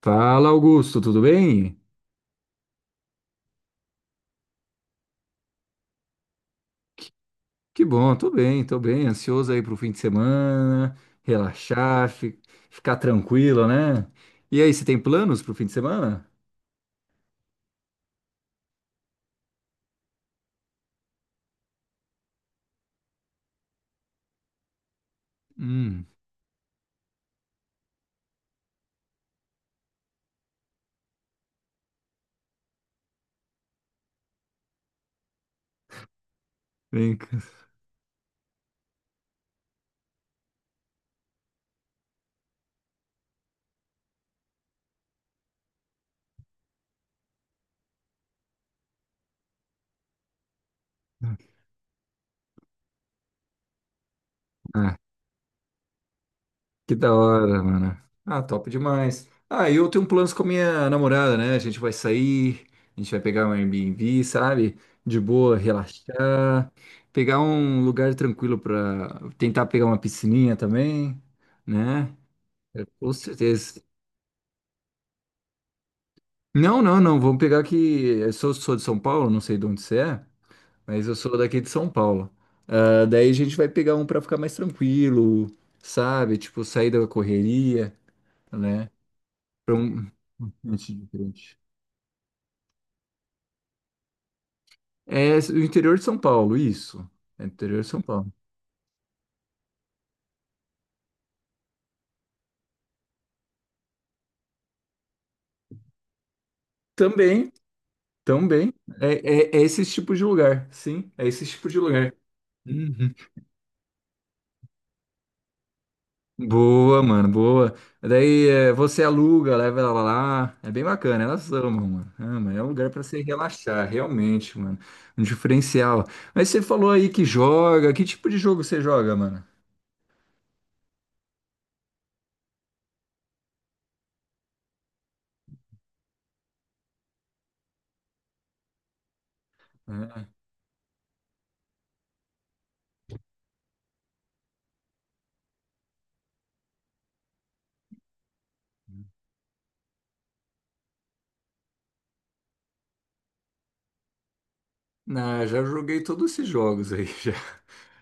Fala, Augusto, tudo bem? Que bom, tô bem, tô bem. Ansioso aí pro fim de semana, relaxar, ficar tranquilo, né? E aí, você tem planos pro fim de semana? Hum, vem cá. Ah, que da hora, mano. Ah, top demais. Ah, eu tenho planos com a minha namorada, né? A gente vai sair, a gente vai pegar um Airbnb, sabe? De boa, relaxar, pegar um lugar tranquilo pra tentar pegar uma piscininha também, né? É, com certeza. Não, não, não. Vamos pegar que eu sou de São Paulo, não sei de onde você é, mas eu sou daqui de São Paulo. Ah, daí a gente vai pegar um pra ficar mais tranquilo, sabe? Tipo, sair da correria, né? Pra um ambiente diferente. É o interior de São Paulo, isso. É o interior de São Paulo. Também, também. É, é esse tipo de lugar, sim. É esse tipo de lugar. Uhum. Boa, mano, boa. Daí você aluga, leva ela lá. É bem bacana, elas amam, mano. Ama, é um lugar pra se relaxar, realmente, mano. Um diferencial. Mas você falou aí que joga. Que tipo de jogo você joga, mano? Ah, não, já joguei todos esses jogos aí, já.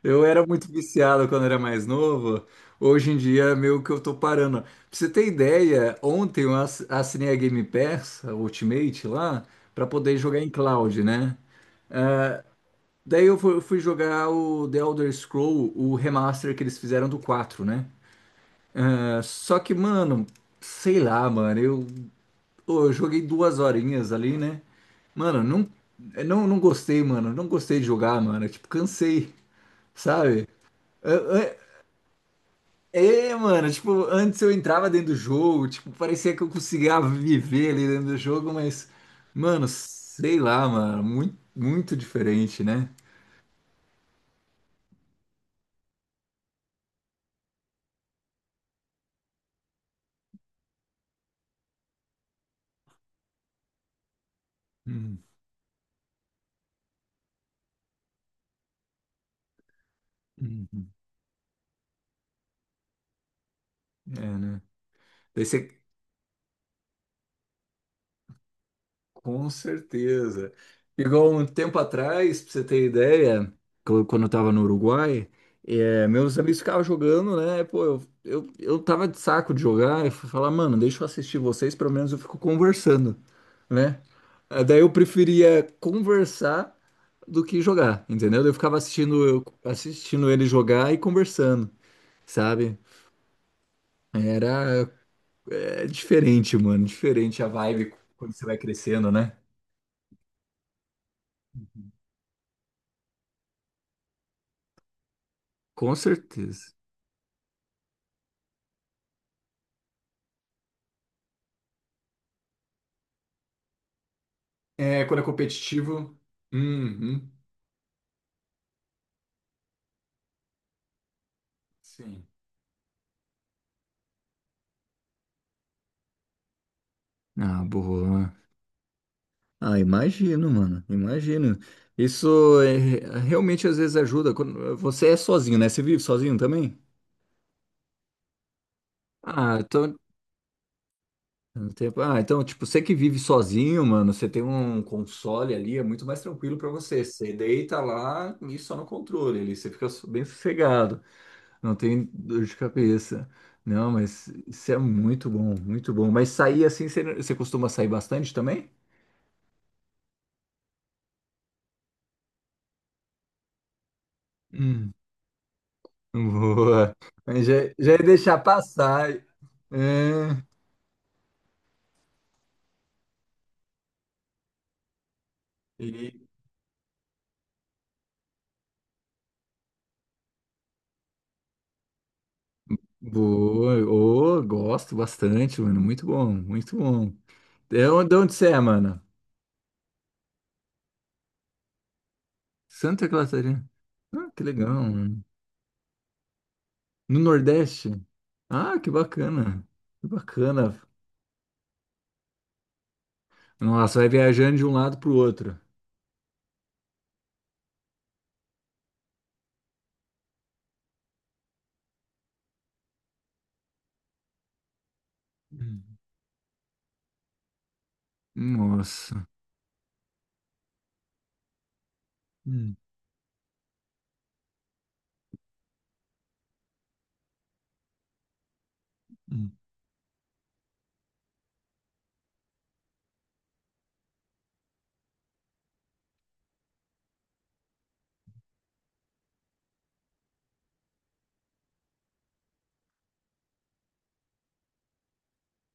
Eu era muito viciado quando era mais novo. Hoje em dia, meio que eu tô parando. Pra você ter ideia, ontem eu assinei a Game Pass, a Ultimate lá, pra poder jogar em cloud, né? Daí eu fui jogar o The Elder Scroll, o remaster que eles fizeram do quatro, né? É, só que, mano, sei lá, mano, eu, ô, eu joguei 2 horinhas ali, né? Mano, não, eu não gostei, mano, não gostei de jogar, mano, tipo, cansei, sabe? É, é, mano, tipo, antes eu entrava dentro do jogo, tipo, parecia que eu conseguia viver ali dentro do jogo, mas, mano, sei lá, mano, muito, muito diferente, né? Hum, hum. É, né? Daí você Com certeza. Igual um tempo atrás, pra você ter ideia, quando eu tava no Uruguai, meus amigos ficavam jogando, né? Pô, eu tava de saco de jogar, eu fui falar, mano, deixa eu assistir vocês, pelo menos eu fico conversando, né? Daí eu preferia conversar do que jogar, entendeu? Eu ficava assistindo, assistindo ele jogar e conversando, sabe? Era, é diferente, mano, diferente a vibe quando você vai crescendo, né? Com certeza. É, quando é competitivo. Uhum. Sim. Ah, boa. Ah, imagino, mano. Imagino. Isso é, realmente às vezes ajuda. Quando, você é sozinho, né? Você vive sozinho também? Ah, então. Ah, então, tipo, você que vive sozinho, mano, você tem um console ali, é muito mais tranquilo pra você. Você deita lá e só no controle ali, você fica bem sossegado, não tem dor de cabeça. Não, mas isso é muito bom, muito bom. Mas sair assim, você costuma sair bastante também? Hum, boa. Mas já, já ia deixar passar. É, e- boa. Ô, gosto bastante, mano. Muito bom, muito bom. É onde, de onde você é, mano? Santa Catarina. Ah, que legal, mano. No Nordeste? Ah, que bacana. Que bacana. Nossa, vai viajando de um lado pro outro. Hum. Nossa. Hum, hum.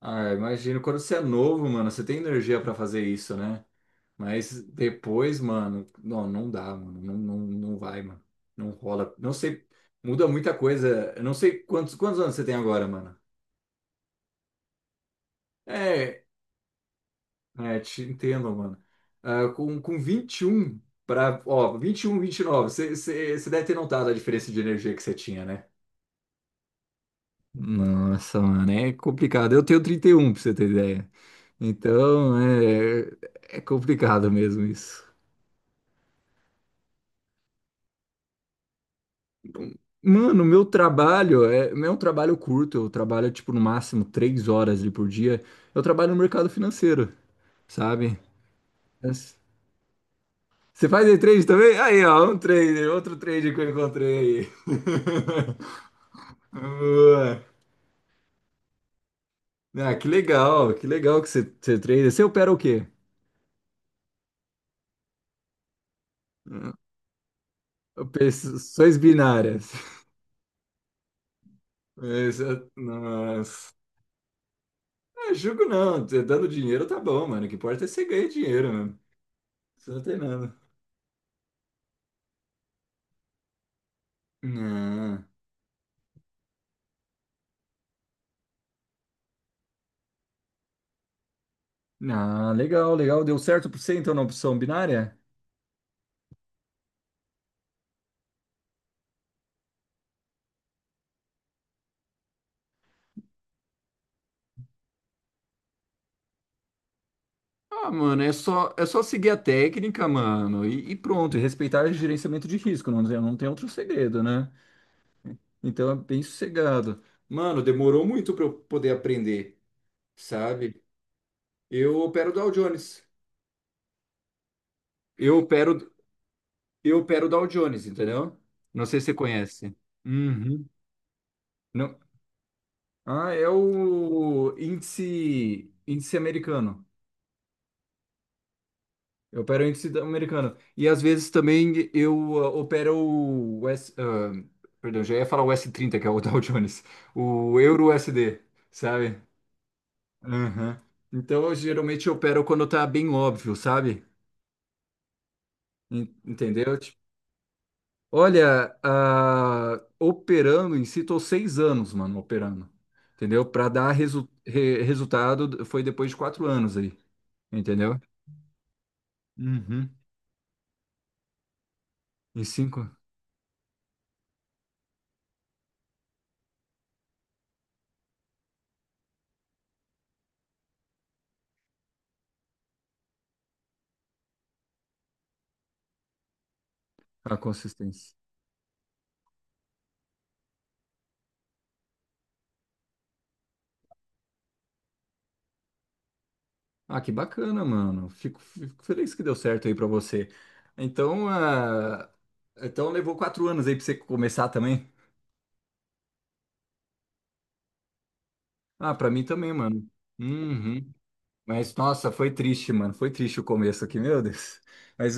Ah, imagino, quando você é novo, mano, você tem energia pra fazer isso, né? Mas depois, mano, não, não dá, mano, não, não, não vai, mano, não rola. Não sei, muda muita coisa. Eu não sei quantos anos você tem agora, mano. É, é, te entendo, mano. Ah, com 21 pra, ó, 21, 29. Você deve ter notado a diferença de energia que você tinha, né? Nossa, mano, é complicado. Eu tenho 31, pra você ter ideia. Então, é, é complicado mesmo isso. Mano, meu trabalho é, não é um trabalho curto. Eu trabalho, tipo, no máximo 3 horas ali por dia. Eu trabalho no mercado financeiro, sabe? Mas- Você faz day trade também? Aí, ó, um trader, outro trader que eu encontrei aí. Boa. Ah, que legal, que legal que você trader. Você opera o quê? Operações binárias. Mas, é, nossa. É, jogo não. Cê dando dinheiro tá bom, mano. O que importa é você ganhar dinheiro, mano. Isso não tem nada. Ah, ah, legal, legal. Deu certo pra você, então, na opção binária? Ah, mano, é só seguir a técnica, mano, e pronto. E respeitar o gerenciamento de risco, não tem, não tem outro segredo, né? Então é bem sossegado. Mano, demorou muito pra eu poder aprender, sabe? Eu opero Dow Jones. Eu opero, Eu opero o Dow Jones, entendeu? Não sei se você conhece. Uhum. Não. Ah, é o índice, índice americano. Eu opero o americano. E às vezes também eu opero o S, perdão, já ia falar o s trinta que é o Dow Jones. O Euro USD, sabe? Uhum. Então, geralmente eu opero quando tá bem óbvio, sabe? Entendeu? Olha, operando em si, tô 6 anos, mano, operando. Entendeu? Para dar resultado foi depois de 4 anos aí, entendeu? Uhum. Em cinco, a consistência. Ah, que bacana, mano. Fico feliz que deu certo aí pra você. Então, então levou 4 anos aí pra você começar também? Ah, pra mim também, mano. Uhum. Mas, nossa, foi triste, mano. Foi triste o começo aqui, meu Deus. Mas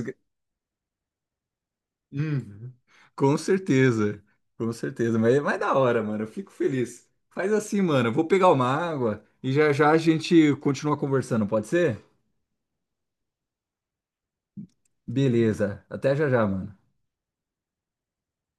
Uhum. Com certeza, com certeza, mas é mais da hora, mano. Eu fico feliz. Faz assim, mano. Eu vou pegar uma água e já já a gente continua conversando, pode ser? Beleza. Até já já, mano.